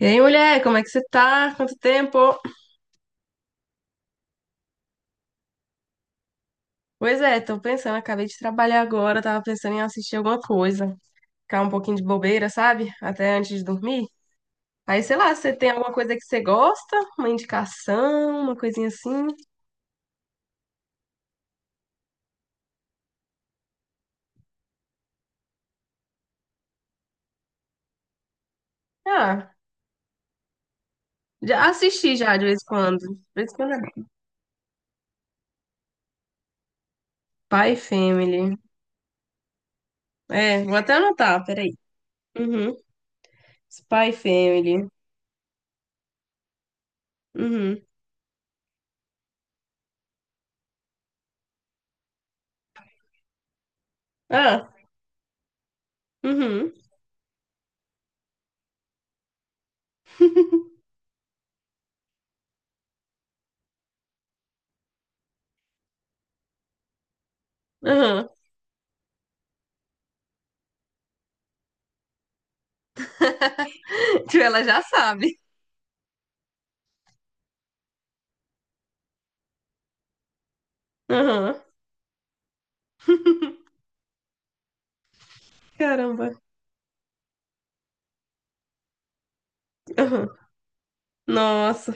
E aí, mulher, como é que você tá? Quanto tempo? Pois é, tô pensando, acabei de trabalhar agora, tava pensando em assistir alguma coisa, ficar um pouquinho de bobeira, sabe? Até antes de dormir. Aí, sei lá, você tem alguma coisa que você gosta? Uma indicação, uma coisinha assim? Ah, já assisti já de vez em quando. De vez em quando é bom. Spy Family. É, vou até anotar, peraí. Uhum. Spy Family. Uhum. Ah, uhum. Uhum. Tipo, ela já sabe. Uhum. Caramba. Uhum. Nossa.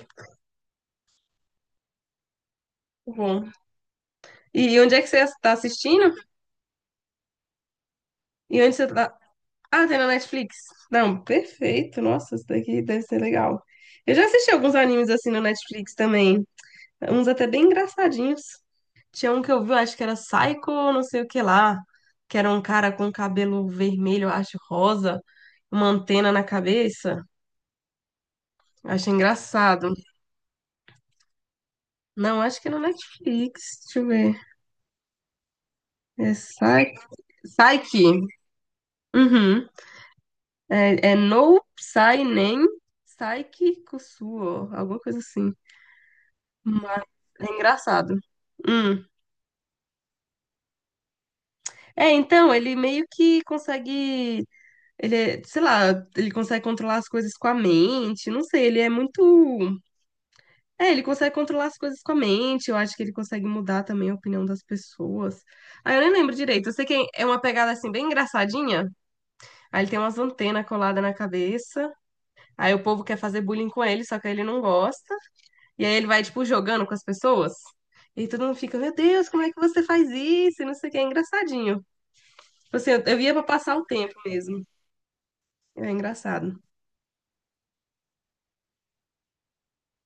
Tá bom. E onde é que você está assistindo? E onde você tá? Ah, tem na Netflix. Não, perfeito. Nossa, isso daqui deve ser legal. Eu já assisti alguns animes assim na Netflix também. Uns até bem engraçadinhos. Tinha um que eu vi, eu acho que era Psycho, não sei o que lá. Que era um cara com cabelo vermelho, eu acho, rosa, uma antena na cabeça. Achei engraçado. Não, acho que é na Netflix. Deixa eu ver. É Psyche. Psyche. Uhum. É, é no sai nem sai que suo, alguma coisa assim. Mas é engraçado. Hum. É, então, ele meio que consegue, sei lá, ele consegue controlar as coisas com a mente, não sei, ele é muito, é, ele consegue controlar as coisas com a mente, eu acho que ele consegue mudar também a opinião das pessoas. Ah, eu nem lembro direito, eu sei que é uma pegada, assim, bem engraçadinha, aí ele tem umas antenas coladas na cabeça, aí o povo quer fazer bullying com ele, só que aí ele não gosta. E aí ele vai, tipo, jogando com as pessoas. E aí todo mundo fica, meu Deus, como é que você faz isso? E não sei o que, é engraçadinho. Tipo assim, eu ia pra passar o tempo mesmo. É engraçado.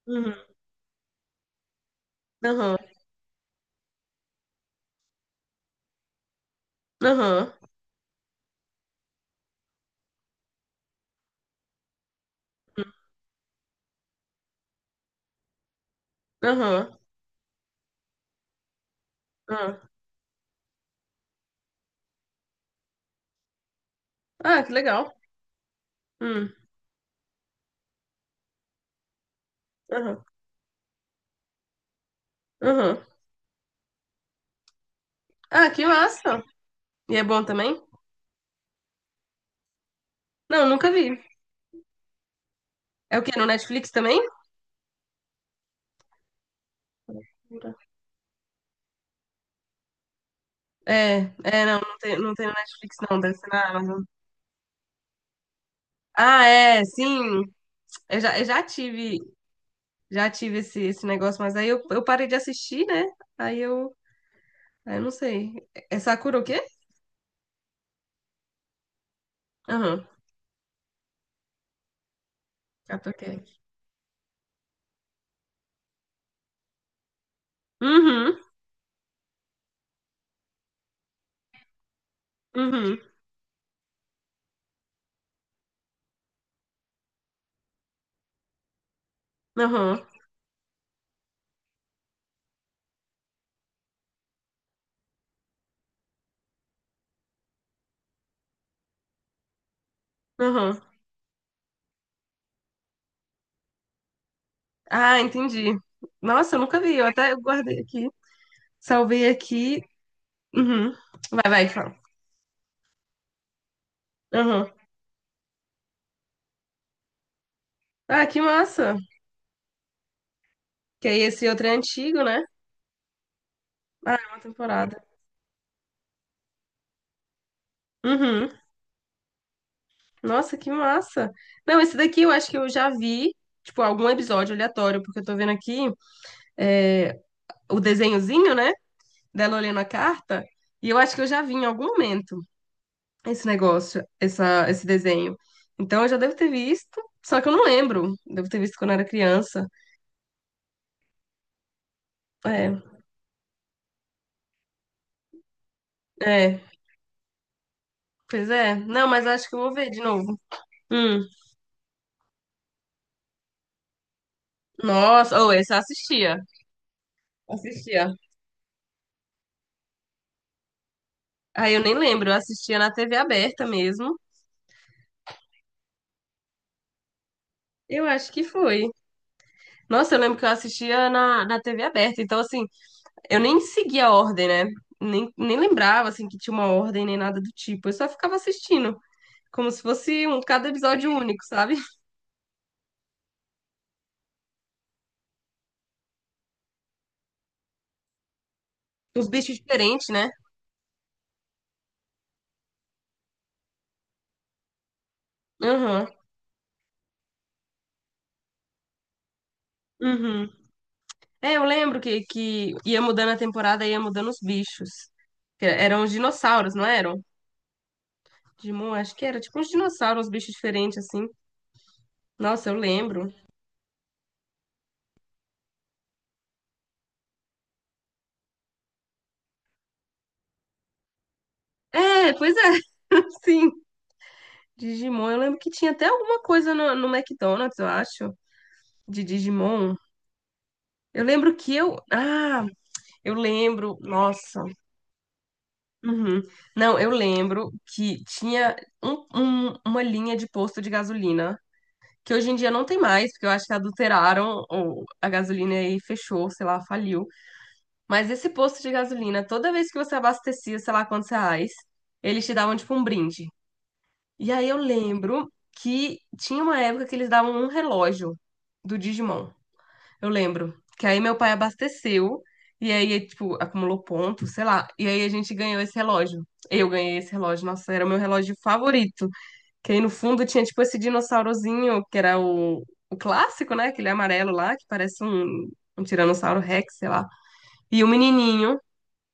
Uhum. Aham. Aham. Aham. Aham. Ah, que legal. Hum. Aham. Aham. Ah, que massa. E é bom também? Não, nunca vi. É o quê? No Netflix também? É, é, não, não tem no Netflix não, deve ser na Amazon. Ah, é, sim. Eu já tive esse negócio, mas aí eu parei de assistir, né? Aí eu, aí eu não sei. É Sakura o quê? Aham. Catoquei. Uhum, uhum, aham, aham. Ah, entendi. Nossa, eu nunca vi, eu até guardei aqui. Salvei aqui. Uhum. Vai, fala. Aham. Ah, que massa. Que aí esse outro é antigo, né? Ah, é uma temporada. Uhum. Nossa, que massa. Não, esse daqui eu acho que eu já vi, tipo, algum episódio aleatório, porque eu tô vendo aqui é, o desenhozinho, né? Dela olhando a carta, e eu acho que eu já vi em algum momento esse negócio, esse desenho. Então eu já devo ter visto, só que eu não lembro. Devo ter visto quando eu era criança. É, é, pois é. Não, mas acho que eu vou ver de novo. Hum, nossa, ou esse eu assistia. Assistia. Aí eu nem lembro, eu assistia na TV aberta mesmo. Eu acho que foi. Nossa, eu lembro que eu assistia na TV aberta. Então, assim, eu nem seguia a ordem, né? Nem lembrava, assim, que tinha uma ordem nem nada do tipo. Eu só ficava assistindo. Como se fosse um cada episódio único, sabe? Os bichos diferentes, né? Aham. Uhum. É, eu lembro que ia mudando a temporada, ia mudando os bichos. Que eram os dinossauros, não eram? Digimon, acho que era tipo uns dinossauros, uns bichos diferentes, assim. Nossa, eu lembro. É, pois é. Sim. Digimon, eu lembro que tinha até alguma coisa no McDonald's, eu acho, de Digimon. Eu lembro que eu. Ah, eu lembro. Nossa. Uhum. Não, eu lembro que tinha uma linha de posto de gasolina, que hoje em dia não tem mais, porque eu acho que adulteraram a gasolina e fechou, sei lá, faliu. Mas esse posto de gasolina, toda vez que você abastecia, sei lá quantos reais, eles te davam tipo um brinde. E aí eu lembro que tinha uma época que eles davam um relógio do Digimon. Eu lembro. Que aí meu pai abasteceu e aí, tipo, acumulou pontos, sei lá. E aí a gente ganhou esse relógio. Eu ganhei esse relógio. Nossa, era o meu relógio favorito. Que aí no fundo tinha, tipo, esse dinossaurozinho, que era o clássico, né? Aquele amarelo lá, que parece um Tiranossauro Rex, sei lá. E o menininho.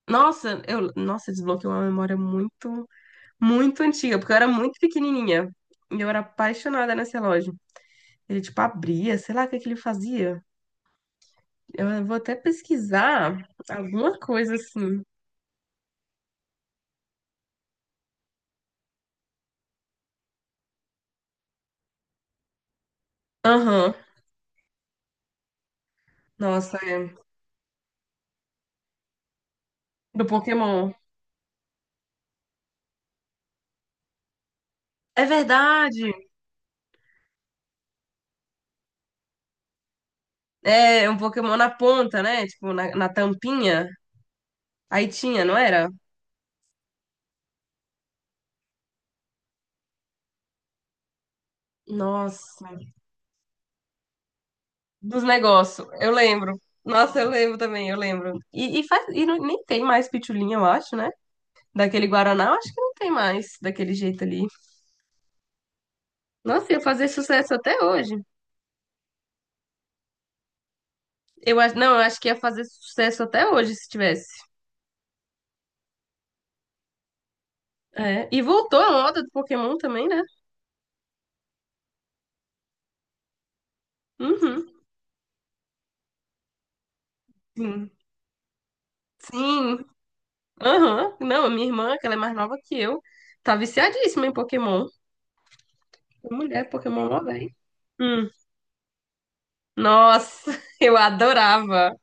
Nossa, eu, nossa, desbloqueou uma memória muito, muito antiga, porque eu era muito pequenininha. E eu era apaixonada nesse relógio. Ele, tipo, abria, sei lá o que que ele fazia. Eu vou até pesquisar alguma coisa assim. Aham. Nossa, é. Do Pokémon. É verdade. É um Pokémon na ponta, né? Tipo, na tampinha. Aí tinha, não era? Nossa. Dos negócios. Eu lembro. Nossa, eu lembro também, eu lembro. E nem tem mais pitulinha, eu acho, né? Daquele Guaraná, eu acho que não tem mais daquele jeito ali. Nossa, ia fazer sucesso até hoje. Eu acho, não, eu acho que ia fazer sucesso até hoje se tivesse. É, e voltou a moda do Pokémon também, né? Uhum. Sim. Sim. Aham. Não, a minha irmã, que ela é mais nova que eu, tá viciadíssima em Pokémon. Mulher, Pokémon mó bem. Hum. Nossa, eu adorava.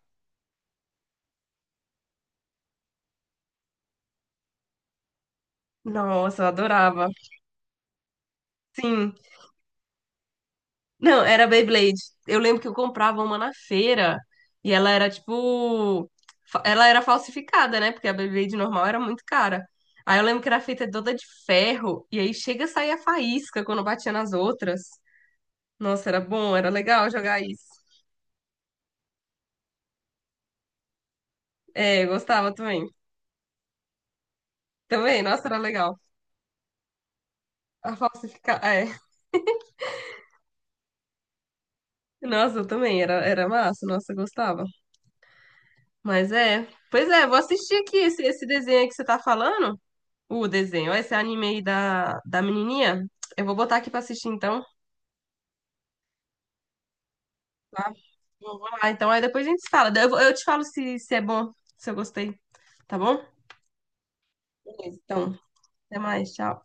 Nossa, eu adorava. Sim. Não, era Beyblade. Eu lembro que eu comprava uma na feira e ela era tipo. Ela era falsificada, né? Porque a Beyblade normal era muito cara. Aí eu lembro que era feita toda de ferro e aí chega a sair a faísca quando batia nas outras. Nossa, era bom, era legal jogar isso. É, eu gostava também. Também, nossa, era legal. A falsificar, é. Nossa, eu também, era, era massa, nossa, eu gostava. Mas é. Pois é, vou assistir aqui esse, esse desenho aí que você tá falando. O desenho. Esse anime aí da menininha. Eu vou botar aqui pra assistir então. Tá? Vou lá. Então aí depois a gente se fala. Eu te falo se, se é bom, se eu gostei. Tá bom? Beleza, então. Até mais. Tchau.